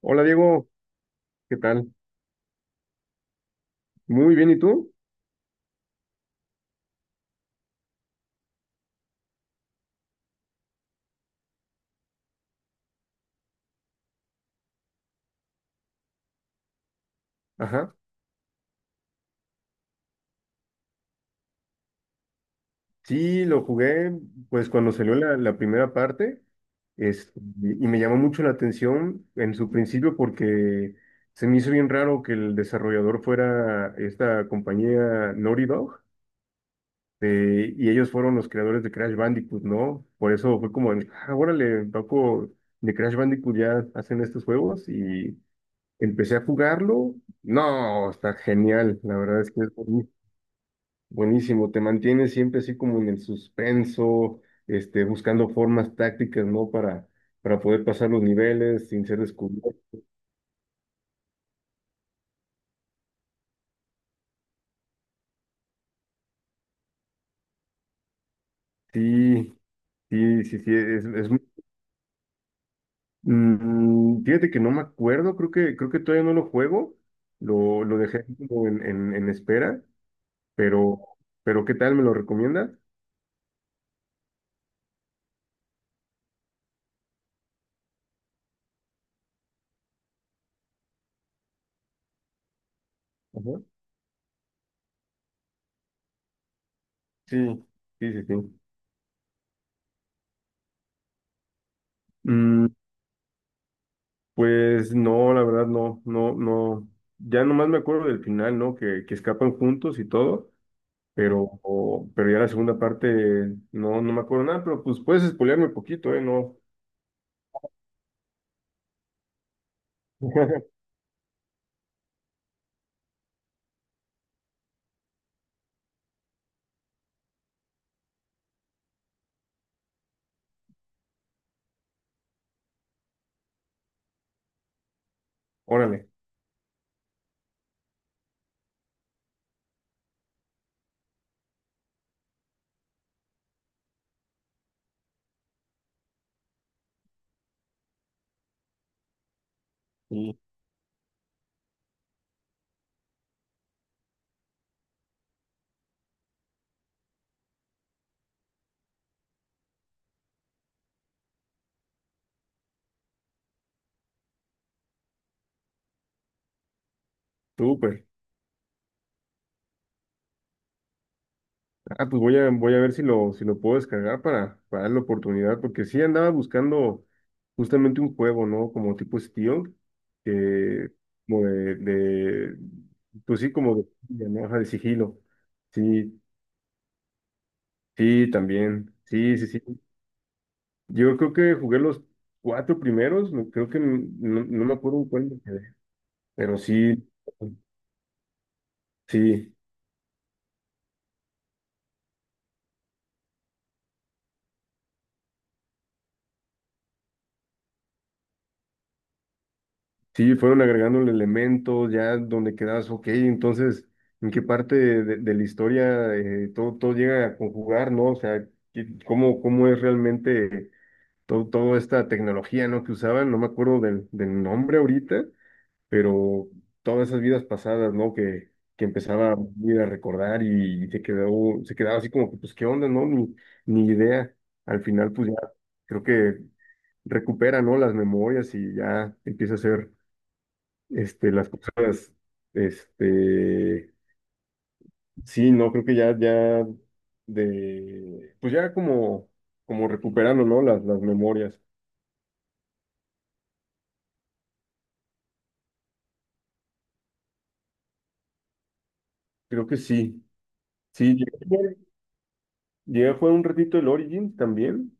Hola Diego, ¿qué tal? Muy bien, ¿y tú? Ajá. Sí, lo jugué pues cuando salió la primera parte es, y me llamó mucho la atención en su principio porque se me hizo bien raro que el desarrollador fuera esta compañía Naughty Dog, y ellos fueron los creadores de Crash Bandicoot, ¿no? Por eso fue como, el, órale, Paco, de Crash Bandicoot ya hacen estos juegos y empecé a jugarlo. No, está genial, la verdad es que es buenísimo. Buenísimo, te mantienes siempre así como en el suspenso, buscando formas tácticas, ¿no? Para poder pasar los niveles sin ser descubierto. Sí, sí, sí, sí, es muy- fíjate que no me acuerdo, creo que todavía no lo juego, lo dejé así como en espera, pero, pero ¿qué tal? ¿Me lo recomiendas? Ajá. Sí, sí, sí, sí. Mm, pues no, la verdad no, no, no. Ya nomás me acuerdo del final, ¿no? Que escapan juntos y todo, pero, o- pero ya la segunda parte no, no me acuerdo nada, pero pues puedes spoilearme un poquito, ¿eh? No. Órale. Sí. Súper. Ah, pues voy a, voy a ver si lo, si lo puedo descargar para darle oportunidad, porque sí andaba buscando justamente un juego, ¿no? Como tipo Steel, que como de- pues sí, como de, ¿no? Ajá, de sigilo. Sí, sí, también. Sí, sí, sí. Yo creo que jugué los cuatro primeros. Me- creo que m- no, no me acuerdo en cuál me quedé. Pero sí, sí, sí, fueron agregando elementos ya donde quedas, ok, entonces, ¿en qué parte de la historia todo, todo llega a conjugar, ¿no? O sea, ¿qué- ¿cómo, cómo es realmente todo, toda esta tecnología, ¿no? que usaban? No me acuerdo del, del nombre ahorita. Pero todas esas vidas pasadas, ¿no? Que empezaba a ir a recordar y se quedó, se quedaba así como que, pues, ¿qué onda, no? Ni, ni idea. Al final, pues ya creo que recupera, ¿no? Las memorias y ya empieza a hacer, las cosas, este, sí, no, creo que ya, ya de, pues ya como, como recuperando, ¿no? Las memorias. Creo que sí. Sí, llegué, llegué a jugar un ratito el Origins también.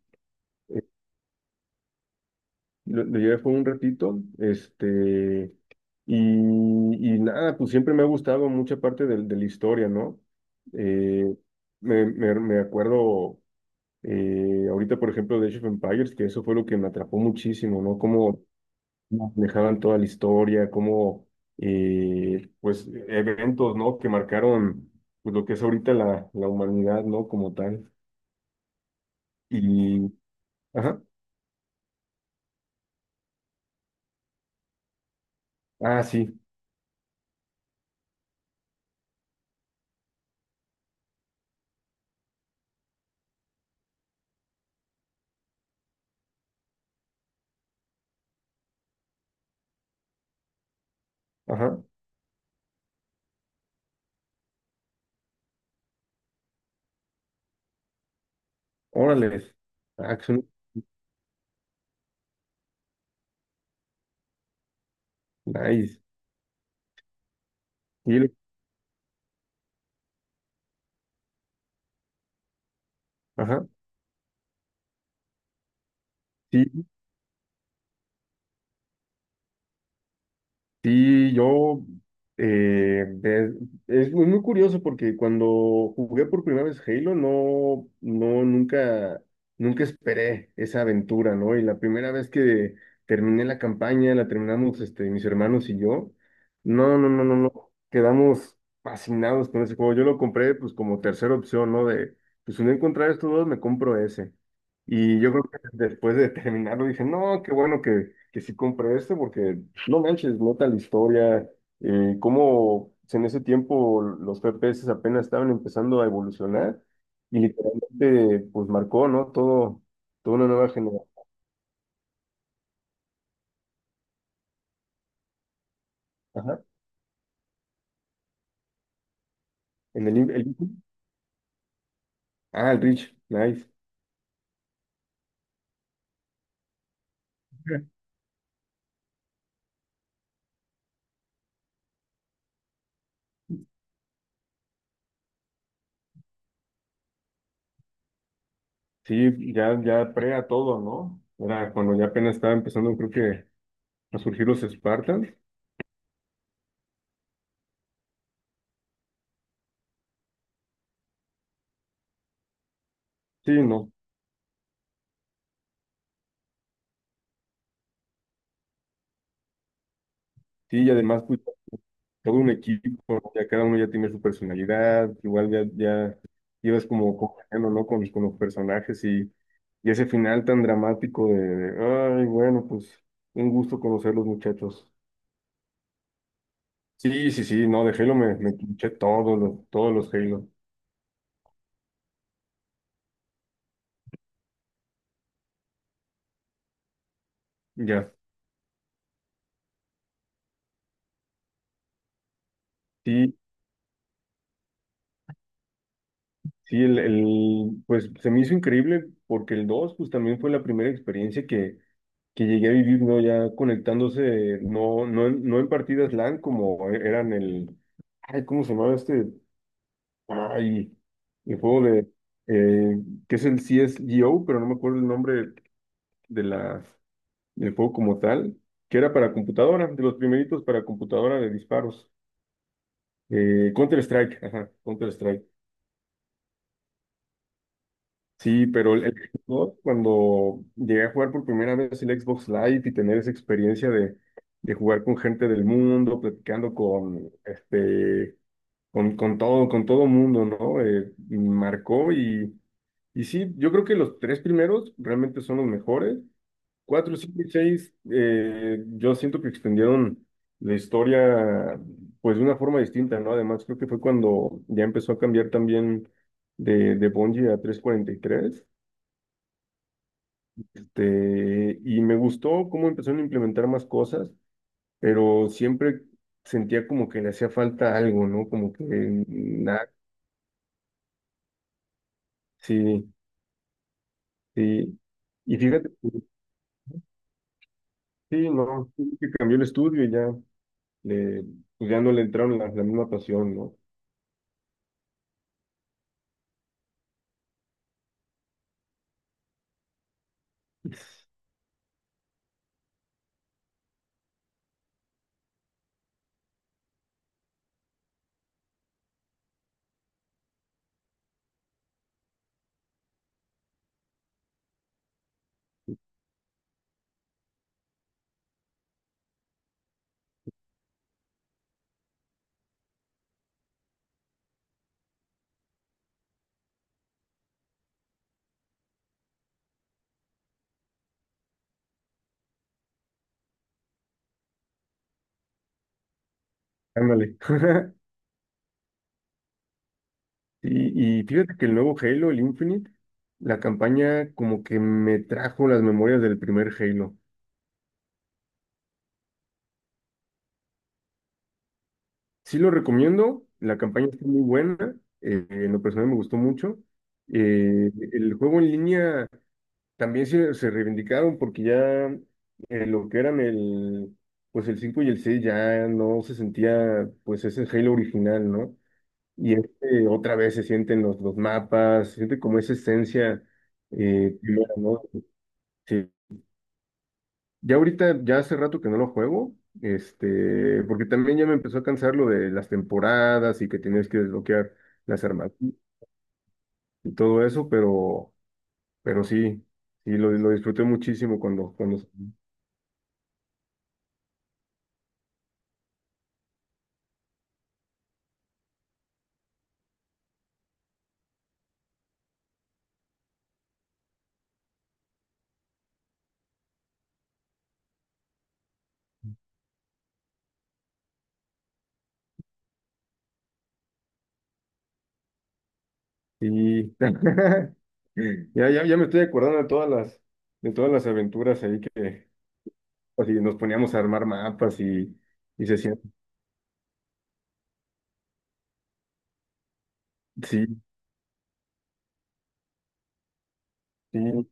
Lo llevé por un ratito, y, y nada, pues siempre me ha gustado mucha parte del- de, la historia, ¿no? Eh, me, me- me acuerdo ahorita, por ejemplo, de Age of Empires, que eso fue lo que me atrapó muchísimo, ¿no? Cómo dejaban toda la historia, cómo, pues, eventos, ¿no? Que marcaron, pues, lo que es ahorita la, la humanidad, ¿no? Como tal. Y, ajá, ah, sí, ajá, órale, action, nice. Y él- ajá, sí, sí, yo, de- es muy, muy curioso porque cuando jugué por primera vez Halo, no, no, nunca, nunca esperé esa aventura, ¿no? Y la primera vez que terminé la campaña, la terminamos, mis hermanos y yo, no, no, no, no, no, quedamos fascinados con ese juego. Yo lo compré, pues, como tercera opción, ¿no? De, pues, si no encontrar estos dos, me compro ese. Y yo creo después de terminarlo dije, no, qué bueno que sí compré este porque no manches, nota la historia, cómo en ese tiempo los FPS apenas estaban empezando a evolucionar y literalmente pues marcó, ¿no? Todo, toda una nueva generación. Ajá. En el- ah, el rich nice. Sí, ya, ya pre a todo, ¿no? Era cuando ya apenas estaba empezando, creo que a surgir los Spartans. Sí, no. Sí, y además, pues, todo un equipo, ya cada uno ya tiene su personalidad, igual ya, ya llevas como cogiendo, ¿no? Con los personajes y ese final tan dramático de, ay, bueno, pues un gusto conocer los muchachos. Sí, sí, sí, no, de Halo me, me escuché todos los Halo, ya. Sí, sí, el- pues se me hizo increíble porque el 2 pues también fue la primera experiencia que llegué a vivirlo ya conectándose, no, no, en- no en partidas LAN como e, eran el, ay, ¿cómo se llamaba este? Ay, el juego de, eh, que es el CSGO, pero no me acuerdo el nombre de la, del juego como tal, que era para computadora, de los primeritos para computadora de disparos. Counter-Strike, ajá, Counter-Strike. Sí, pero el Xbox, cuando llegué a jugar por primera vez el Xbox Live y tener esa experiencia de jugar con gente del mundo, platicando con con todo mundo, ¿no? Marcó y sí, yo creo que los tres primeros realmente son los mejores. Cuatro, cinco y seis, yo siento que extendieron la historia, pues de una forma distinta, ¿no? Además, creo que fue cuando ya empezó a cambiar también de Bungie a 343. Y me gustó cómo empezaron a implementar más cosas, pero siempre sentía como que le hacía falta algo, ¿no? Como que nada, sí, sí. Y fíjate, pues, sí, no, sí que cambió el estudio y ya, le, pues ya no le entraron la, la misma pasión, ¿no? Ándale. Y, y fíjate que el nuevo Halo, el Infinite, la campaña como que me trajo las memorias del primer Halo. Sí lo recomiendo, la campaña está muy buena, en lo personal me gustó mucho. El juego en línea también se reivindicaron porque ya lo que eran el, pues el 5 y el 6 ya no se sentía pues ese Halo original, ¿no? Y otra vez se sienten los mapas, se siente como esa esencia primera, ¿no? Sí. Ya ahorita, ya hace rato que no lo juego, porque también ya me empezó a cansar lo de las temporadas y que tenías que desbloquear las armas y todo eso, pero sí, sí, lo disfruté muchísimo cuando, cuando, sí. Ya, ya, ya me estoy acordando de todas las aventuras ahí que, así, nos poníamos a armar mapas y se hacían, sí, sí,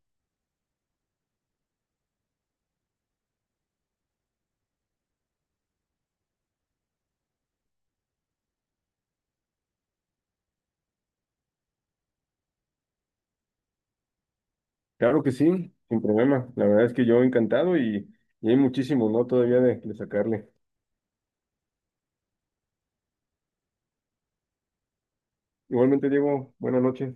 claro que sí, sin problema. La verdad es que yo encantado y hay muchísimo, ¿no? Todavía de sacarle. Igualmente, Diego, buenas noches.